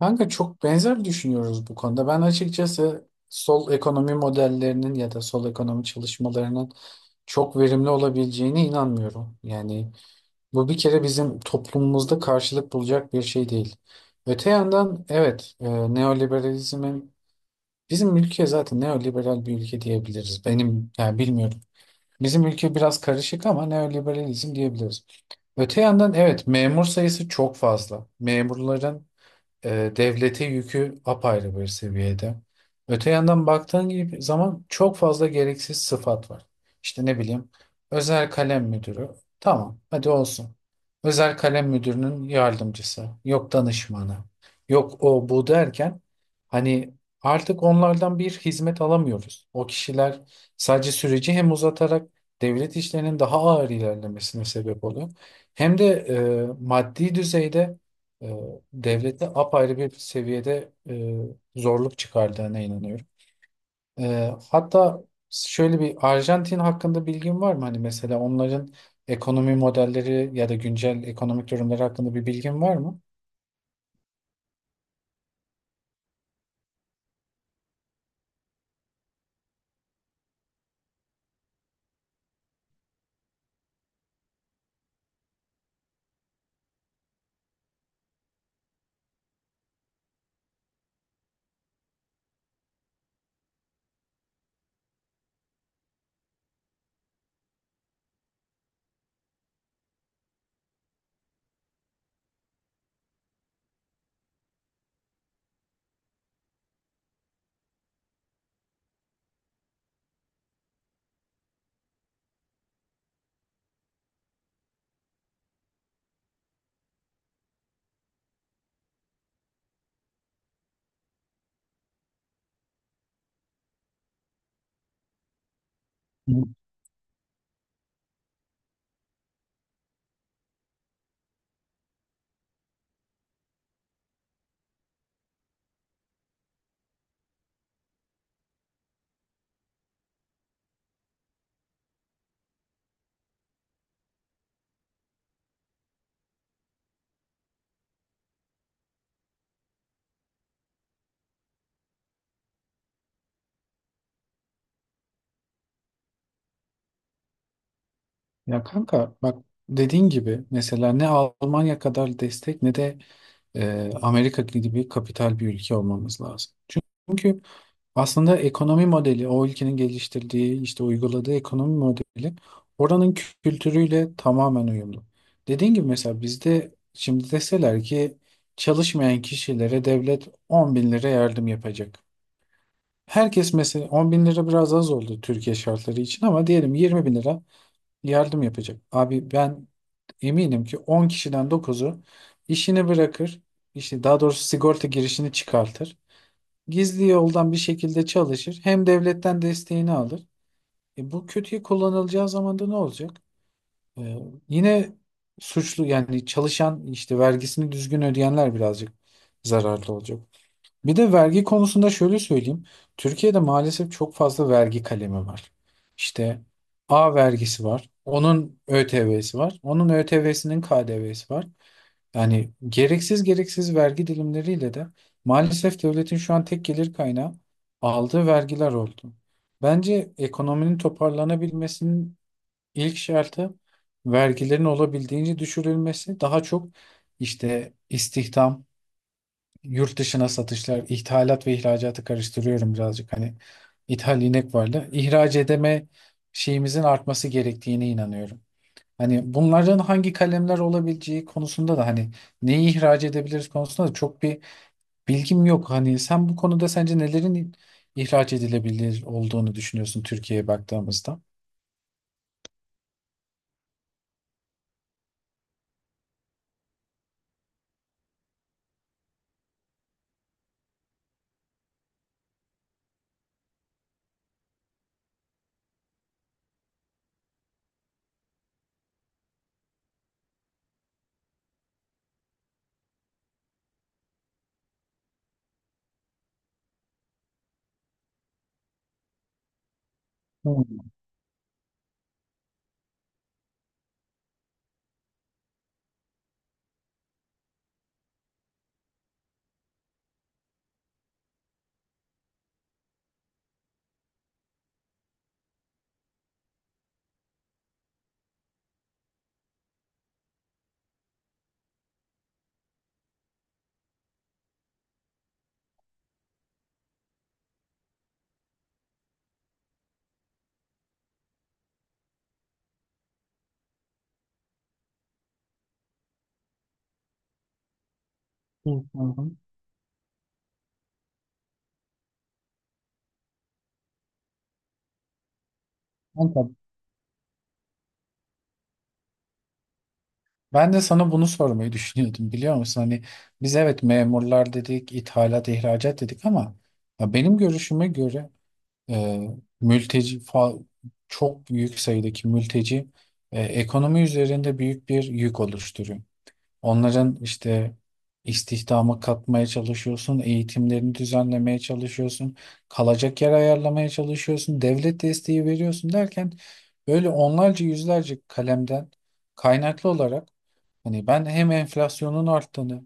Kanka çok benzer düşünüyoruz bu konuda. Ben açıkçası sol ekonomi modellerinin ya da sol ekonomi çalışmalarının çok verimli olabileceğine inanmıyorum. Yani bu bir kere bizim toplumumuzda karşılık bulacak bir şey değil. Öte yandan evet neoliberalizmin bizim ülke zaten neoliberal bir ülke diyebiliriz. Benim yani bilmiyorum. Bizim ülke biraz karışık ama neoliberalizm diyebiliriz. Öte yandan evet memur sayısı çok fazla. Memurların devlete yükü apayrı bir seviyede. Öte yandan baktığın gibi zaman çok fazla gereksiz sıfat var. İşte ne bileyim özel kalem müdürü. Tamam hadi olsun. Özel kalem müdürünün yardımcısı. Yok danışmanı. Yok o bu derken hani artık onlardan bir hizmet alamıyoruz. O kişiler sadece süreci hem uzatarak devlet işlerinin daha ağır ilerlemesine sebep oluyor. Hem de maddi düzeyde e, devlete apayrı bir seviyede zorluk çıkardığına inanıyorum. Hatta şöyle bir Arjantin hakkında bilgin var mı? Hani mesela onların ekonomi modelleri ya da güncel ekonomik durumları hakkında bir bilgin var mı? Ya kanka bak dediğin gibi mesela ne Almanya kadar destek ne de Amerika gibi kapital bir ülke olmamız lazım. Çünkü aslında ekonomi modeli, o ülkenin geliştirdiği, işte uyguladığı ekonomi modeli oranın kültürüyle tamamen uyumlu. Dediğim gibi mesela bizde şimdi deseler ki çalışmayan kişilere devlet 10 bin lira yardım yapacak. Herkes mesela 10 bin lira biraz az oldu Türkiye şartları için ama diyelim 20 bin lira yardım yapacak. Abi ben eminim ki 10 kişiden dokuzu işini bırakır, işte daha doğrusu sigorta girişini çıkartır. Gizli yoldan bir şekilde çalışır, hem devletten desteğini alır. Bu kötüye kullanılacağı zaman da ne olacak? E, Yine suçlu yani çalışan işte vergisini düzgün ödeyenler birazcık zararlı olacak. Bir de vergi konusunda şöyle söyleyeyim. Türkiye'de maalesef çok fazla vergi kalemi var. İşte A vergisi var. Onun ÖTV'si var. Onun ÖTV'sinin KDV'si var. Yani gereksiz gereksiz vergi dilimleriyle de maalesef devletin şu an tek gelir kaynağı aldığı vergiler oldu. Bence ekonominin toparlanabilmesinin ilk şartı vergilerin olabildiğince düşürülmesi. Daha çok işte istihdam, yurt dışına satışlar, ithalat ve ihracatı karıştırıyorum birazcık. Hani ithal inek vardı. İhraç şeyimizin artması gerektiğine inanıyorum. Hani bunların hangi kalemler olabileceği konusunda da hani neyi ihraç edebiliriz konusunda da çok bir bilgim yok. Hani sen bu konuda sence nelerin ihraç edilebilir olduğunu düşünüyorsun Türkiye'ye baktığımızda? Hmm. Hı hı. Hı. Ben de sana bunu sormayı düşünüyordum biliyor musun? Hani biz evet memurlar dedik, ithalat, ihracat dedik ama ya benim görüşüme göre e, mülteci fa- çok büyük sayıdaki mülteci ekonomi üzerinde büyük bir yük oluşturuyor. Onların işte istihdama katmaya çalışıyorsun, eğitimlerini düzenlemeye çalışıyorsun, kalacak yer ayarlamaya çalışıyorsun, devlet desteği veriyorsun derken böyle onlarca yüzlerce kalemden kaynaklı olarak hani ben hem enflasyonun arttığını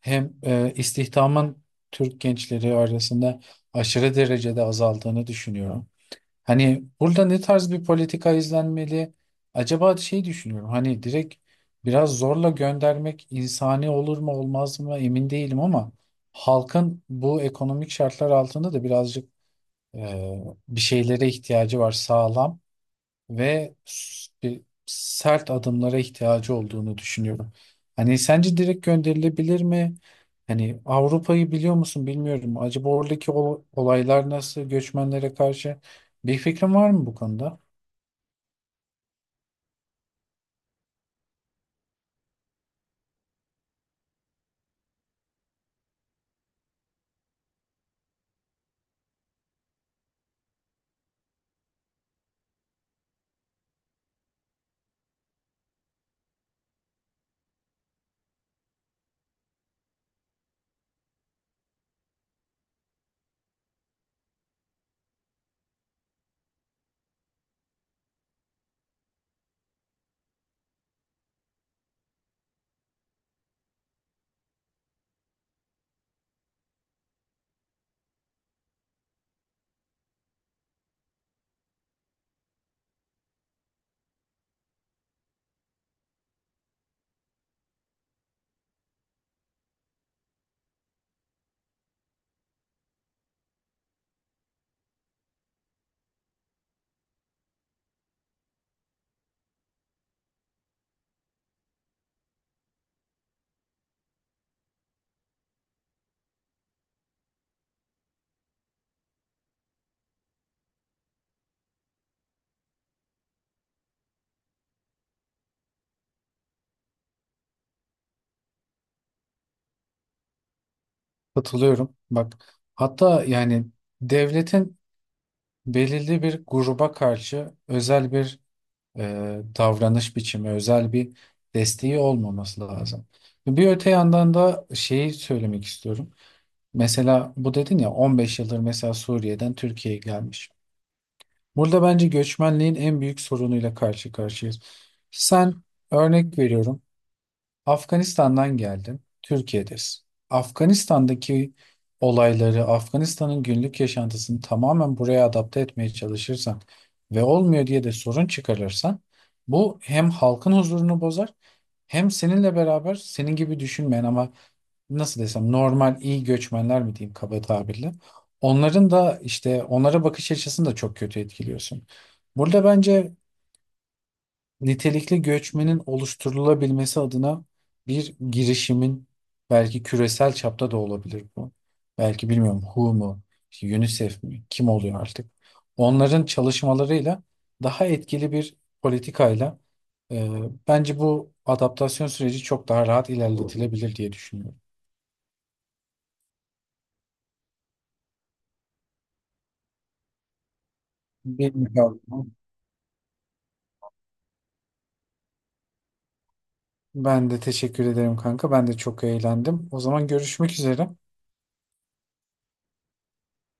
hem istihdamın Türk gençleri arasında aşırı derecede azaldığını düşünüyorum. Hani burada ne tarz bir politika izlenmeli? Acaba şey düşünüyorum hani direkt biraz zorla göndermek insani olur mu olmaz mı emin değilim ama halkın bu ekonomik şartlar altında da birazcık e, bir şeylere ihtiyacı var sağlam ve bir sert adımlara ihtiyacı olduğunu düşünüyorum. Hani sence direkt gönderilebilir mi? Hani Avrupa'yı biliyor musun bilmiyorum. Acaba oradaki olaylar nasıl göçmenlere karşı bir fikrin var mı bu konuda? Katılıyorum. Bak hatta yani devletin belirli bir gruba karşı özel bir e, davranış biçimi, özel bir desteği olmaması lazım. Bir öte yandan da şeyi söylemek istiyorum. Mesela bu dedin ya 15 yıldır mesela Suriye'den Türkiye'ye gelmiş. Burada bence göçmenliğin en büyük sorunuyla karşı karşıyayız. Sen örnek veriyorum Afganistan'dan geldin Türkiye'desin. Afganistan'daki olayları Afganistan'ın günlük yaşantısını tamamen buraya adapte etmeye çalışırsan ve olmuyor diye de sorun çıkarırsan bu hem halkın huzurunu bozar hem seninle beraber senin gibi düşünmeyen ama nasıl desem normal iyi göçmenler mi diyeyim kaba tabirle. Onların da işte onlara bakış açısını da çok kötü etkiliyorsun. Burada bence nitelikli göçmenin oluşturulabilmesi adına bir girişimin belki küresel çapta da olabilir bu. Belki bilmiyorum WHO mu, işte UNICEF mi, kim oluyor artık. Onların çalışmalarıyla daha etkili bir politikayla e, bence bu adaptasyon süreci çok daha rahat ilerletilebilir diye düşünüyorum. Bilmiyorum. Ben de teşekkür ederim kanka. Ben de çok eğlendim. O zaman görüşmek üzere.